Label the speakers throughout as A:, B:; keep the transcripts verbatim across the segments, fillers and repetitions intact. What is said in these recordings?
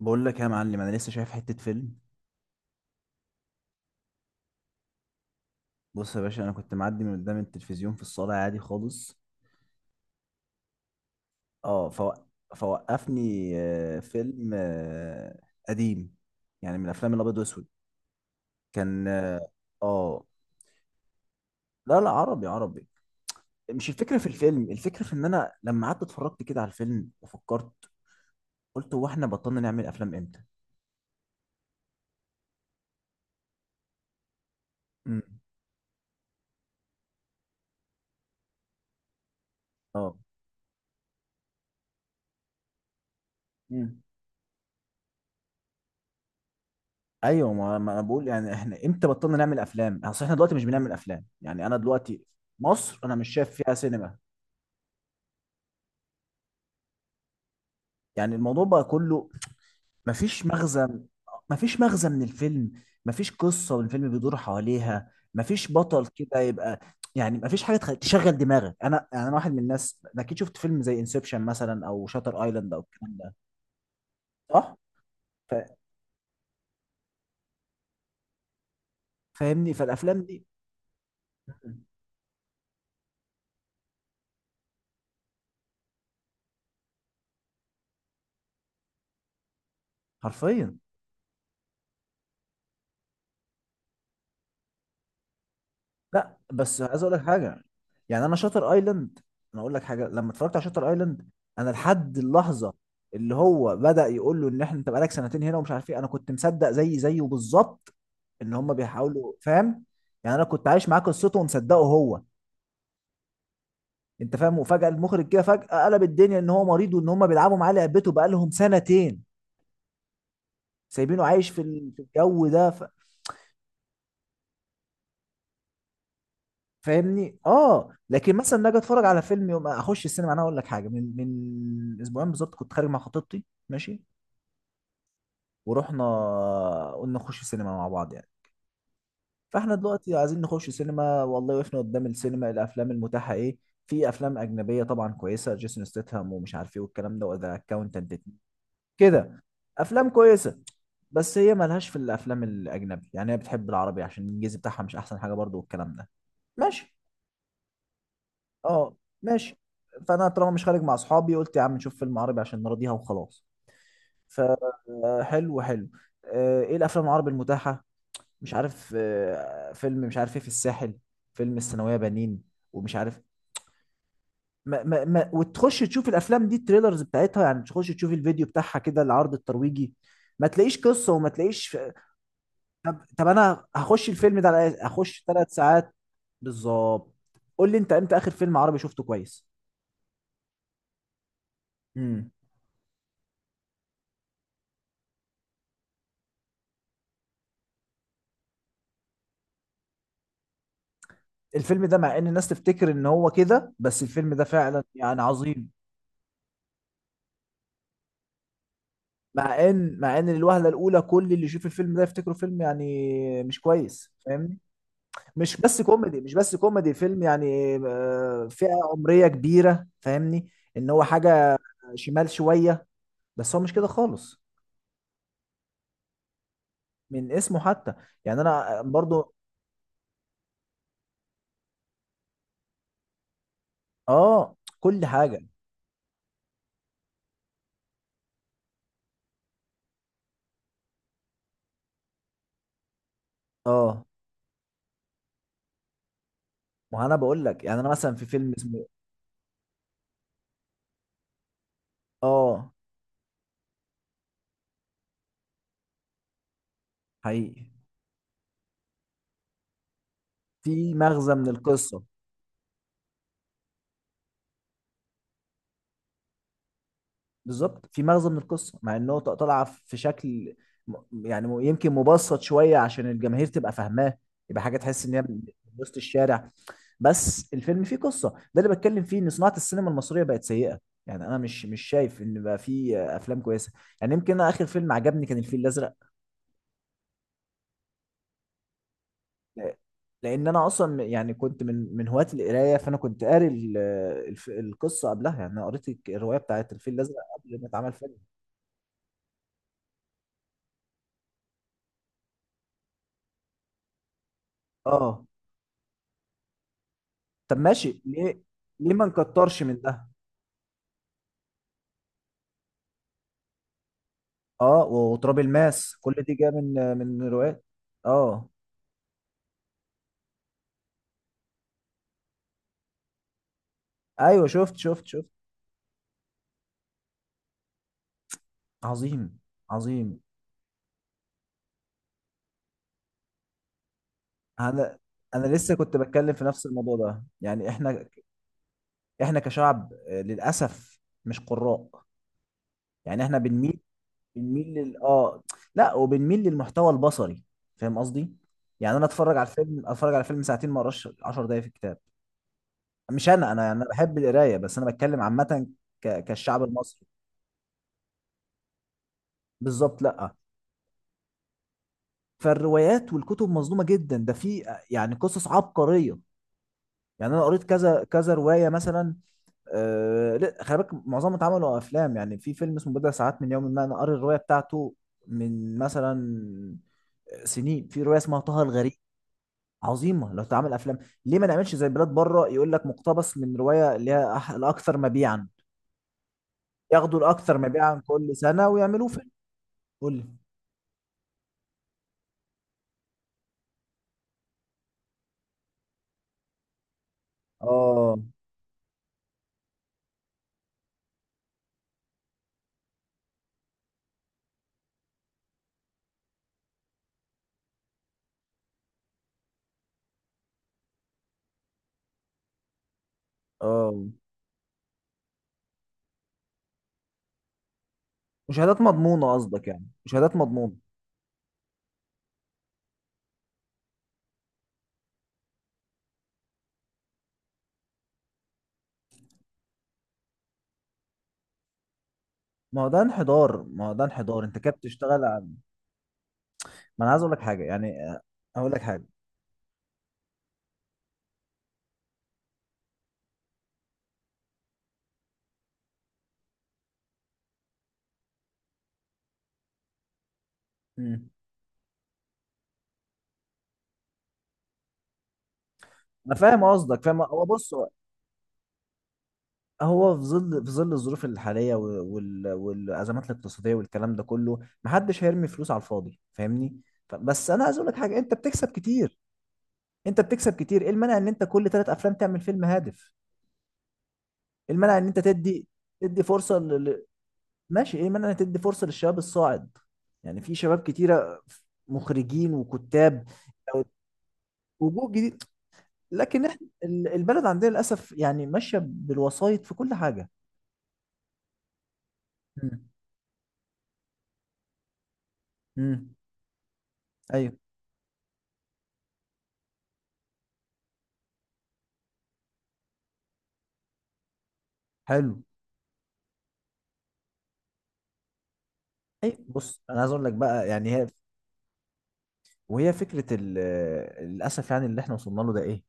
A: بقول لك يا معلم، انا لسه شايف حته فيلم. بص يا باشا، انا كنت معدي من قدام التلفزيون في الصاله عادي خالص. اه فو... فوقفني آه، فيلم آه، قديم، يعني من الافلام الابيض واسود. كان اه آه، لا لا، عربي عربي. مش الفكره في الفيلم، الفكره في ان انا لما قعدت اتفرجت كده على الفيلم وفكرت، قلت هو احنا بطلنا نعمل افلام امتى؟ امم. اه. مم. ايوه، ما ما انا بقول يعني احنا امتى بطلنا نعمل افلام؟ يعني اصل احنا دلوقتي مش بنعمل افلام. يعني انا دلوقتي مصر انا مش شايف فيها سينما. يعني الموضوع بقى كله مفيش مغزى، مفيش مغزى من الفيلم، مفيش قصة والفيلم بيدور حواليها، مفيش بطل كده يبقى، يعني مفيش حاجة تخ- تشغل دماغك. انا يعني انا واحد من الناس، أنا اكيد شفت فيلم زي انسبشن مثلا او شاتر ايلاند او الكلام ده. صح. فا- فاهمني، فالافلام دي حرفيا. لا، بس عايز اقول لك حاجه. يعني انا شاتر ايلاند، انا اقول لك حاجه، لما اتفرجت على شاتر ايلاند انا لحد اللحظه اللي هو بدأ يقول له ان احنا انت بقالك سنتين هنا ومش عارف ايه، انا كنت مصدق زي زيه بالظبط ان هم بيحاولوا، فاهم؟ يعني انا كنت عايش معاه قصته ومصدقه هو، انت فاهم؟ وفجأة المخرج كده فجأة قلب الدنيا ان هو مريض وان هم بيلعبوا معاه لعبته بقالهم سنتين سايبينه عايش في ال- في الجو ده. فاهمني؟ اه، لكن مثلا لما اجي اتفرج على فيلم، يوم اخش السينما، انا اقول لك حاجه، من من اسبوعين بالظبط كنت خارج مع خطيبتي. ماشي. ورحنا، قلنا نخش السينما مع بعض يعني. فاحنا دلوقتي عايزين نخش سينما، والله وقفنا قدام السينما الافلام المتاحه ايه؟ في افلام اجنبيه طبعا كويسه، جيسون ستيتهام ومش عارف ايه والكلام ده وذا اكاونتنت كده، افلام كويسه، بس هي ملهاش في الافلام الاجنبي، يعني هي بتحب العربي عشان الانجليزي بتاعها مش احسن حاجه برضو والكلام ده. ماشي. اه، ماشي. فانا طالما مش خارج مع اصحابي قلت يا عم نشوف فيلم عربي عشان نراضيها وخلاص. فحلو حلو. آه، ايه الافلام العربي المتاحه؟ مش عارف، آه، فيلم مش عارف ايه في الساحل، فيلم الثانويه بنين، ومش عارف. ما ما ما وتخش تشوف الافلام دي، التريلرز بتاعتها يعني، تخش تشوف الفيديو بتاعها كده العرض الترويجي، ما تلاقيش قصه وما تلاقيش. طب طب، انا هخش الفيلم ده على إيه؟ هخش ثلاث ساعات؟ بالظبط. قول لي انت امتى اخر فيلم عربي شفته كويس؟ مم. الفيلم ده مع ان الناس تفتكر ان هو كده، بس الفيلم ده فعلا يعني عظيم. مع ان مع ان الوهله الاولى كل اللي يشوف الفيلم ده يفتكره فيلم يعني مش كويس، فاهمني؟ مش بس كوميدي، مش بس كوميدي، فيلم يعني، آه، فئه عمريه كبيره، فاهمني؟ ان هو حاجه شمال شويه، بس هو مش كده خالص، من اسمه حتى. يعني انا برضو. اه، كل حاجه. اه، ما انا بقول لك، يعني انا مثلا في فيلم اسمه، اه، حقيقي، في مغزى من القصه. بالظبط، في مغزى من القصه، مع انه ط- طالعه في شكل م- يعني م- يمكن مبسط شويه عشان الجماهير تبقى فاهماه، يبقى حاجه تحس ان هي من من وسط الشارع. بس الفيلم فيه قصه، ده اللي بتكلم فيه، ان صناعه السينما المصريه بقت سيئه. يعني انا مش مش شايف ان بقى فيه افلام كويسه. يعني يمكن انا اخر فيلم عجبني كان الفيل الازرق. ل- لان انا اصلا يعني كنت من من هواة القرايه، فانا كنت قاري ال- الف- القصه قبلها، يعني انا قريت الروايه بتاعت الفيل الازرق قبل ما اتعمل فيلم. اه. طب ماشي، ليه ليه ما نكترش من ده؟ اه، وتراب الماس، كل دي جايه من من روايات. اه. ايوه شفت شفت شفت. عظيم عظيم. انا انا لسه كنت بتكلم في نفس الموضوع ده، يعني احنا احنا كشعب، آه، للاسف مش قراء. يعني احنا بنميل، بنميل لل اه لا، وبنميل للمحتوى البصري، فاهم قصدي؟ يعني انا اتفرج على الفيلم اتفرج على فيلم ساعتين، ما اقراش عشر دقايق في الكتاب. مش انا انا يعني انا بحب القرايه، بس انا بتكلم عامه، ك- كالشعب المصري. بالظبط. لا. فالروايات والكتب مظلومه جدا، ده في يعني قصص عبقريه. يعني انا قريت كذا كذا روايه مثلا. آه، لا خلي بالك معظمهم اتعملوا افلام. يعني في فيلم اسمه بضع ساعات من يوم ما انا قاري الروايه بتاعته. من مثلا، آه، سنين، في روايه اسمها طه الغريب، عظيمه لو اتعمل افلام. ليه ما نعملش زي بلاد بره، يقول لك مقتبس من روايه اللي هي أح- الاكثر مبيعا، ياخدوا الاكثر مبيعا كل سنه ويعملوه فيلم. قول لي. اه اه. مشاهدات مضمونه قصدك؟ يعني مشاهدات مضمونه. ما هو ده انحدار، ما هو ده انحدار، انت كده بتشتغل على. ما انا عايز اقول لك حاجه، يعني اقول لك حاجه. مم. انا فاهم قصدك، فاهم. هو بص، هو هو في ظل، في ظل الظروف الحاليه و- وال... والازمات الاقتصاديه والكلام ده كله، محدش هيرمي فلوس على الفاضي، فاهمني؟ ف... بس انا عايز اقول لك حاجه، انت بتكسب كتير، انت بتكسب كتير، ايه المانع ان انت كل ثلاث افلام تعمل فيلم هادف؟ ايه المانع ان انت تدي تدي فرصه لل... ماشي، ايه المانع ان تدي فرصه للشباب الصاعد؟ يعني في شباب كتيره، مخرجين وكتاب، وجوه جديد. لكن احنا ال- البلد عندنا للاسف يعني ماشيه بالوسائط في كل حاجه. مم. مم. ايوه. حلو. اي، بص انا عايز اقول لك بقى، يعني هي، وهي فكره ال- للاسف، يعني اللي احنا وصلنا له ده ايه؟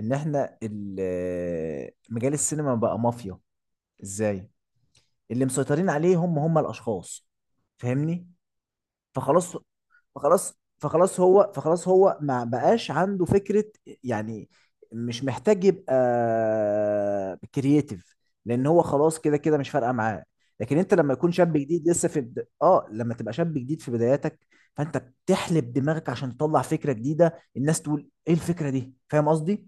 A: ان احنا ال- مجال السينما بقى مافيا. ازاي؟ اللي مسيطرين عليه هم هم الاشخاص، فاهمني؟ فخلاص، فخلاص فخلاص هو فخلاص هو ما بقاش عنده فكرة. يعني مش محتاج يبقى كرييتيف، لان هو خلاص كده كده مش فارقة معاه. لكن انت لما يكون شاب جديد لسه في بد... اه لما تبقى شاب جديد في بداياتك، فانت بتحلب دماغك عشان تطلع فكرة جديدة الناس تقول ايه الفكرة دي، فاهم قصدي؟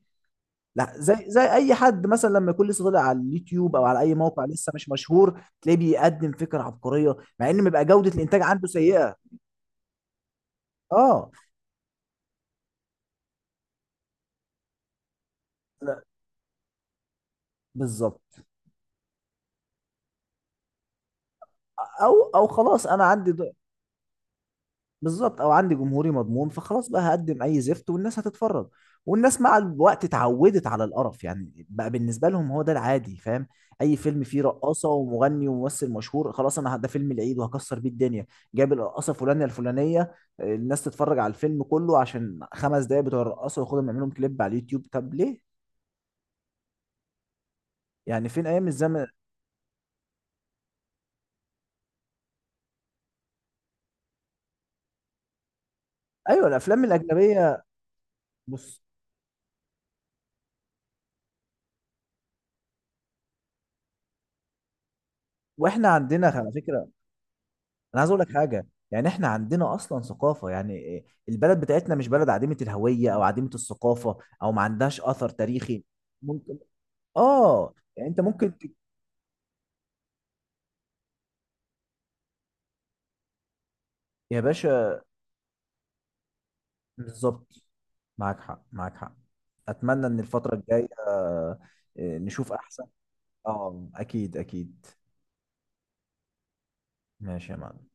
A: لا زي زي اي حد مثلا لما يكون لسه طالع على اليوتيوب او على اي موقع لسه مش مشهور، تلاقيه بيقدم فكرة عبقرية مع ان بيبقى جودة الانتاج عنده سيئة. اه. لا، بالظبط. او او خلاص انا عندي ض- بالظبط، او عندي جمهوري مضمون، فخلاص بقى هقدم اي زفت والناس هتتفرج. والناس مع الوقت اتعودت على القرف، يعني بقى بالنسبه لهم هو ده العادي، فاهم؟ اي فيلم فيه رقاصه ومغني وممثل مشهور، خلاص انا ه- ده فيلم العيد وهكسر بيه الدنيا. جايب الرقاصه فلانه الفلانيه، الناس تتفرج على الفيلم كله عشان خمس دقايق بتوع الرقاصه، وياخدهم يعملوا لهم كليب على اليوتيوب. طب ليه؟ يعني فين ايام الزمن؟ ايوه، الافلام الاجنبيه. بص، واحنا عندنا على فكره، انا عايز اقول لك حاجه، يعني احنا عندنا اصلا ثقافه، يعني إيه، البلد بتاعتنا مش بلد عديمه الهويه او عديمه الثقافه او ما عندهاش اثر تاريخي. ممكن. اه يعني انت ممكن ت- يا باشا، بالظبط، معاك حق معاك حق. اتمنى ان الفتره الجايه، آه، نشوف احسن. اه، اكيد اكيد. ماشي يا معلم.